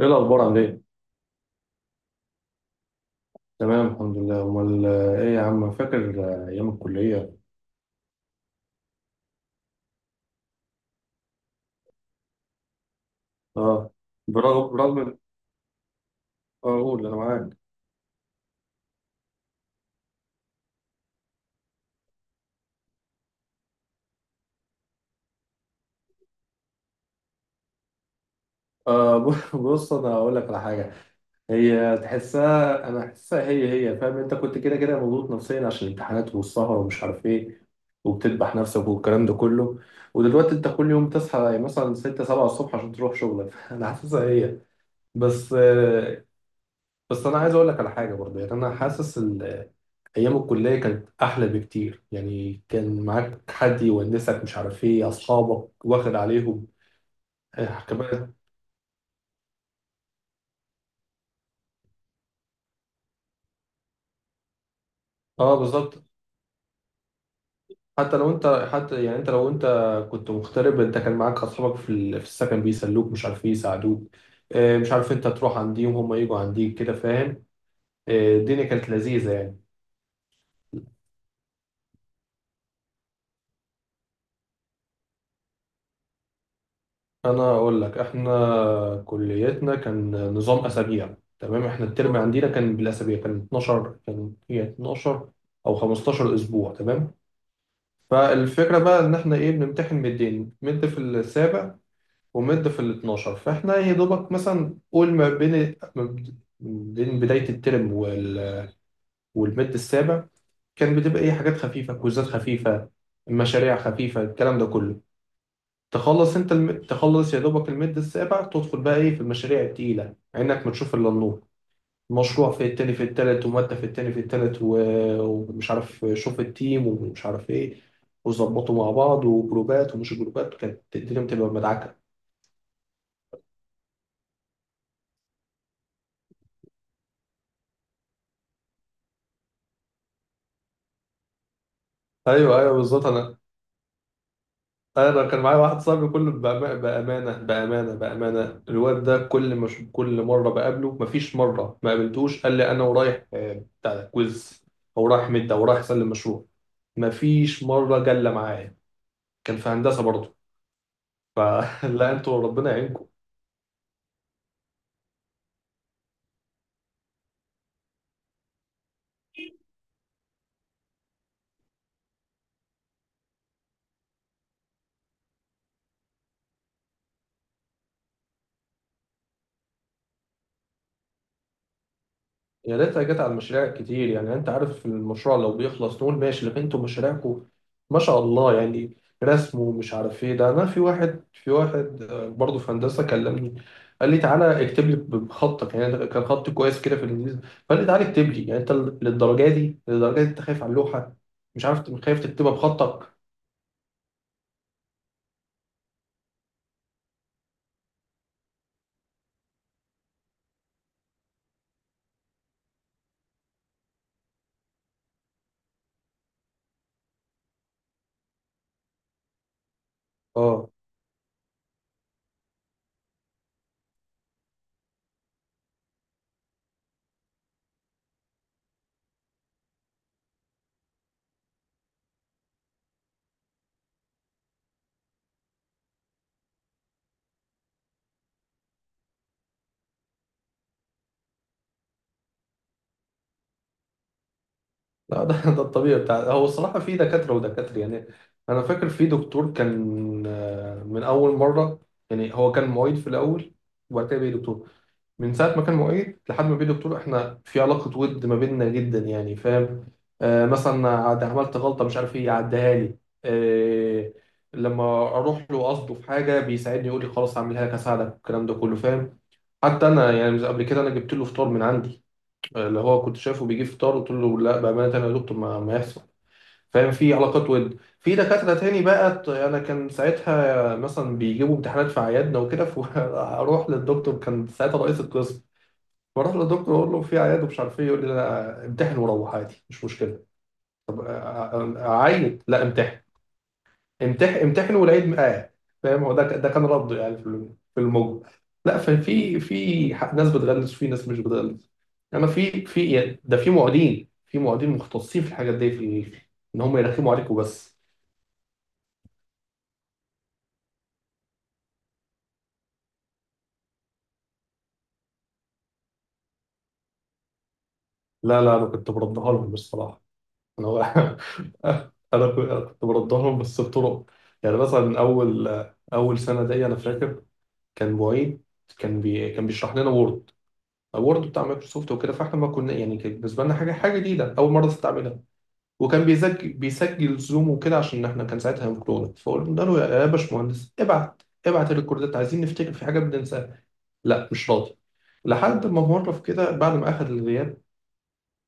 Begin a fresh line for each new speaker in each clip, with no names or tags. ايه الاخبار؟ عامل ايه؟ تمام الحمد لله. امال ايه يا عم؟ فاكر ايام الكليه؟ اه. برغم. قول انا معاك. بص، انا هقول لك على حاجه. هي تحسها انا احسها، هي فاهم. انت كنت كده كده مضغوط نفسيا عشان الامتحانات والسهر ومش عارف ايه، وبتذبح نفسك والكلام ده كله. ودلوقتي انت كل يوم تصحى مثلا 6 7 الصبح عشان تروح شغلك. انا حاسسها هي بس بس انا عايز اقول لك على حاجه برضه، يعني انا حاسس ايام الكليه كانت احلى بكتير. يعني كان معاك حد يونسك، مش عارف ايه، اصحابك واخد عليهم، كمان. اه، بالظبط. حتى يعني لو انت كنت مغترب، انت كان معاك اصحابك في السكن، بيسلوك، مش عارف ايه، يساعدوك. مش عارف انت تروح عنديهم، هم يجوا عنديك كده، فاهم. الدنيا كانت لذيذه يعني. انا اقول لك، احنا كليتنا كان نظام اسابيع. تمام. احنا الترم عندنا كان بالاسابيع، كان 12، كان 12 او 15 اسبوع. تمام. فالفكره بقى، ان احنا ايه، بنمتحن مدين، مد في السابع ومد في ال 12. فاحنا يا دوبك مثلا قول، ما بين بدايه الترم والمد السابع كان بتبقى ايه، حاجات خفيفه، كوزات خفيفه، مشاريع خفيفه، الكلام ده كله. تخلص يا دوبك المد السابع، تدخل بقى ايه في المشاريع التقيلة، عينك ما تشوف الا النور. مشروع في التاني في التالت، ومادة في التاني في التالت، و... ومش عارف شوف التيم، ومش عارف ايه، وظبطوا مع بعض، وجروبات ومش جروبات، كانت الدنيا بتبقى مدعكة. ايوه ايوه، بالظبط. انا انا كان معايا واحد صاحبي، كله بامانه بامانه بامانه، الواد ده كل ما أشوف- كل مره بقابله، مفيش مره ما قابلتوش قال لي انا ورايح بتاع ده، كويز، او رايح مد، او رايح اسلم مشروع. مفيش مرة جلة معايا. كان في هندسة برضه. فلا، انتوا ربنا يعينكم. يا ريتها جت على المشاريع كتير. يعني انت عارف، المشروع لو بيخلص نقول ماشي، لكن انتوا مشاريعكم ما شاء الله يعني، رسم ومش عارف ايه. ده انا في واحد برضه في هندسة كلمني، قال لي تعالى اكتب لي بخطك، يعني ده كان خط كويس كده في الانجليزي. فقال لي تعالى اكتب لي. يعني انت للدرجة دي، للدرجة دي انت خايف على اللوحة؟ مش عارف، خايف تكتبها بخطك. اه. لا ده ده الطبيعي بتاع، هو الصراحة في دكاترة ودكاترة يعني. أنا فاكر في دكتور كان من أول مرة، يعني هو كان معيد في الأول وبعد كده بقى دكتور. من ساعة ما كان معيد لحد ما بقى دكتور، إحنا في علاقة ود ما بيننا جدا، يعني فاهم. آه، مثلا عملت غلطة، مش عارف إيه، يعديها لي. آه. لما أروح له قصده في حاجة بيساعدني، يقول لي خلاص هعملها لك، هساعدك، الكلام ده كله، فاهم. حتى أنا يعني قبل كده أنا جبت له فطار من عندي، اللي هو كنت شايفه بيجيب فطار، قلت له لا بامانه انا يا دكتور ما يحصل. فاهم، في علاقات ود. في دكاتره تاني بقى، انا كان ساعتها مثلا بيجيبوا امتحانات في عيادنا وكده، فاروح للدكتور، كان ساعتها رئيس القسم، بروح للدكتور اقول له في عياد ومش عارف ايه، يقول لي لا امتحن وروح عادي، مش مشكله. اعيد؟ لا امتحن امتحن امتحن، والعيد معاه. فاهم، هو ده كان رده يعني، في الموج. لا، ففي، ناس بتغلس وفي ناس مش بتغلس. انما في يعني، ده في معيدين، مختصين في الحاجات دي، ان هم يرخموا عليكم بس. لا لا، انا كنت بردها لهم بصراحه. انا أنا كنت بردها لهم، بس بطرق. يعني مثلا، اول سنه دي، انا فاكر كان معيد، كان بيشرح لنا وورد، بتاع مايكروسوفت وكده. فاحنا ما كنا، يعني كان بالنسبه لنا حاجه جديده، اول مره تستعملها. وكان بيسجل زوم وكده، عشان احنا كان ساعتها في كورونا. فقلنا له يا باشمهندس، ابعت الريكوردات، عايزين نفتكر في حاجه بننساها. لا مش راضي. لحد ما مره في كده، بعد ما اخذ الغياب،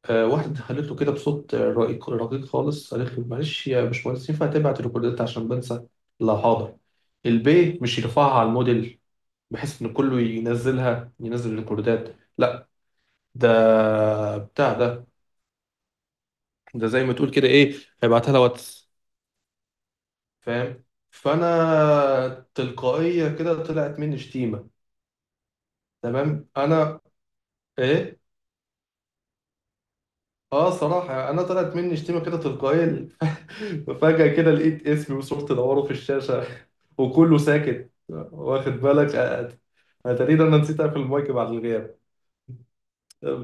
واحده قالت له كده بصوت رقيق رقيق خالص، قالت له معلش يا باشمهندس، ينفع تبعت الريكوردات عشان بنسى؟ لا حاضر، البي مش يرفعها على الموديل بحيث ان كله ينزلها، الريكوردات لا، ده بتاع ده، ده زي ما تقول كده ايه، هيبعتها لها واتس. فاهم، فانا تلقائيه كده طلعت مني شتيمه. تمام. انا، ايه، اه صراحه انا طلعت مني شتيمه كده تلقائيه. فجاه كده لقيت اسمي وصورتي دوره في الشاشه، وكله ساكت، واخد بالك انا تقريبا نسيت اقفل المايك بعد الغياب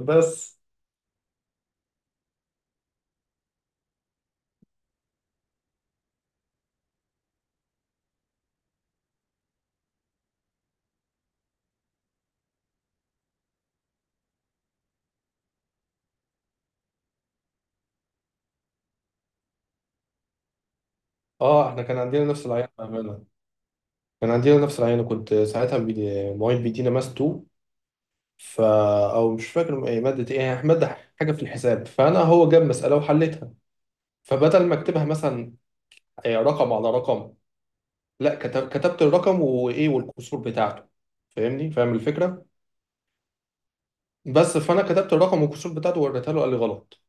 بس. اه، احنا كان عندنا نفس العيان بامانه. كان عندنا نفس العيان، كنت ساعتها بيدي معيد بيدينا ماس 2، فا، او مش فاكر ايه ماده، حاجه في الحساب. فانا هو جاب مساله وحلتها، فبدل ما اكتبها مثلا رقم على رقم، لا كتبت الرقم والكسور بتاعته، فاهمني، فاهم الفكره بس. فانا كتبت الرقم والكسور بتاعته ووريتها له، قال لي غلط،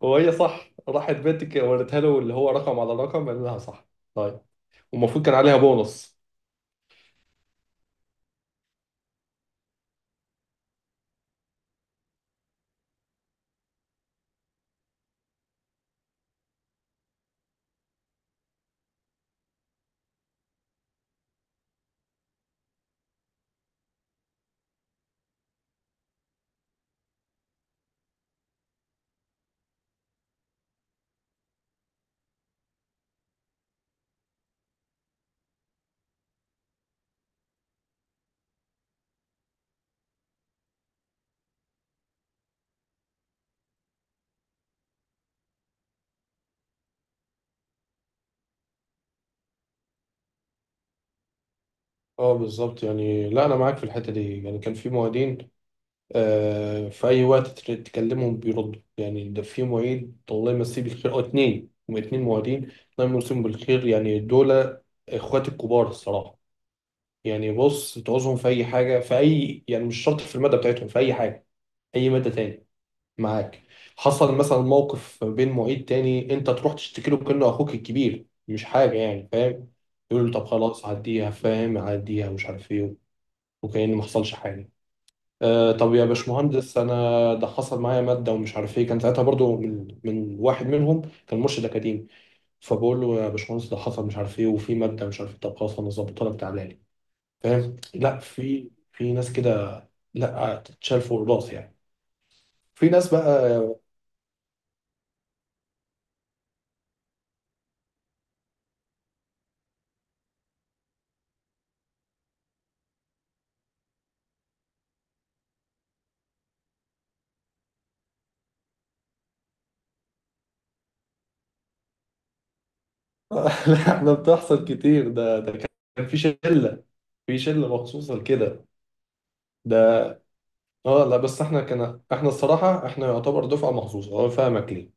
وهي صح. راحت بنت وريتها له اللي هو رقم على رقم، قال لها صح. طيب، والمفروض كان عليها بونص. اه، بالظبط يعني. لا انا معاك في الحته دي، يعني كان في معيدين، آه، في اي وقت تكلمهم بيردوا. يعني ده في معيد الله يمسيه بالخير، او اتنين، هم اتنين معيدين الله يمسيهم بالخير، يعني دول اخواتي الكبار الصراحه. يعني بص، تعوزهم في اي حاجه، في اي يعني مش شرط في الماده بتاعتهم، في اي حاجه، اي ماده تاني، معاك. حصل مثلا موقف بين معيد تاني، انت تروح تشتكي له كانه اخوك الكبير، مش حاجه يعني، فاهم. يقول له طب خلاص عديها، فاهم، عديها، مش عارف ايه، وكأن ما حصلش حاجه. آه، طب يا باشمهندس انا ده حصل معايا ماده ومش عارف ايه، كان ساعتها برضو من واحد منهم، كان مرشد اكاديمي. فبقول له يا باشمهندس ده حصل مش عارف ايه، وفي ماده مش عارف ايه. طب خلاص انا ظبطها لك تعالى لي. فاهم، لا في ناس كده لا تتشال فوق الراس يعني. في ناس بقى. لا، احنا بتحصل كتير، ده كان في شله، مخصوصه لكده. ده، اه، لا بس احنا كان، احنا الصراحه احنا يعتبر دفعه مخصوصه، اه، فاهمك ليه.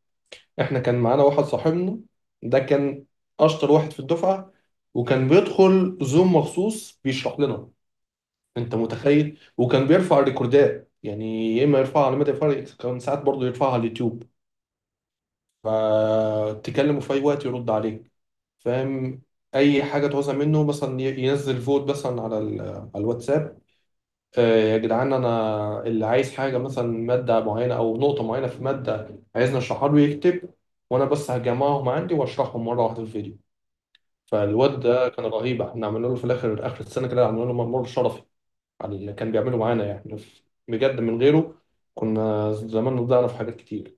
احنا كان معانا واحد صاحبنا، ده كان اشطر واحد في الدفعه، وكان بيدخل زوم مخصوص بيشرح لنا. انت متخيل، وكان بيرفع الريكوردات، يعني يا اما يرفعها على مدى الفرق، كان ساعات برضه يرفعها على اليوتيوب. فتكلمه في أي وقت يرد عليك، فاهم، أي حاجة تعوزها منه، مثلا ينزل فوت مثلا على الواتساب، يا جدعان أنا اللي عايز حاجة مثلا، مادة معينة أو نقطة معينة في مادة، عايزني أشرحها له، يكتب، وأنا بس هجمعهم عندي وأشرحهم مرة واحدة في الفيديو. فالواد ده كان رهيب، احنا عملنا له في الآخر، آخر السنة كده عملنا له ممر شرفي على اللي كان بيعمله معانا يعني. بجد من غيره كنا زماننا ضيعنا في حاجات كتير.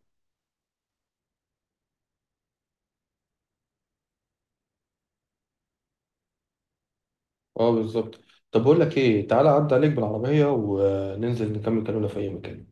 اه، بالظبط. طب بقول لك ايه، تعالى عدى عليك بالعربية وننزل نكمل كلامنا في اي مكان.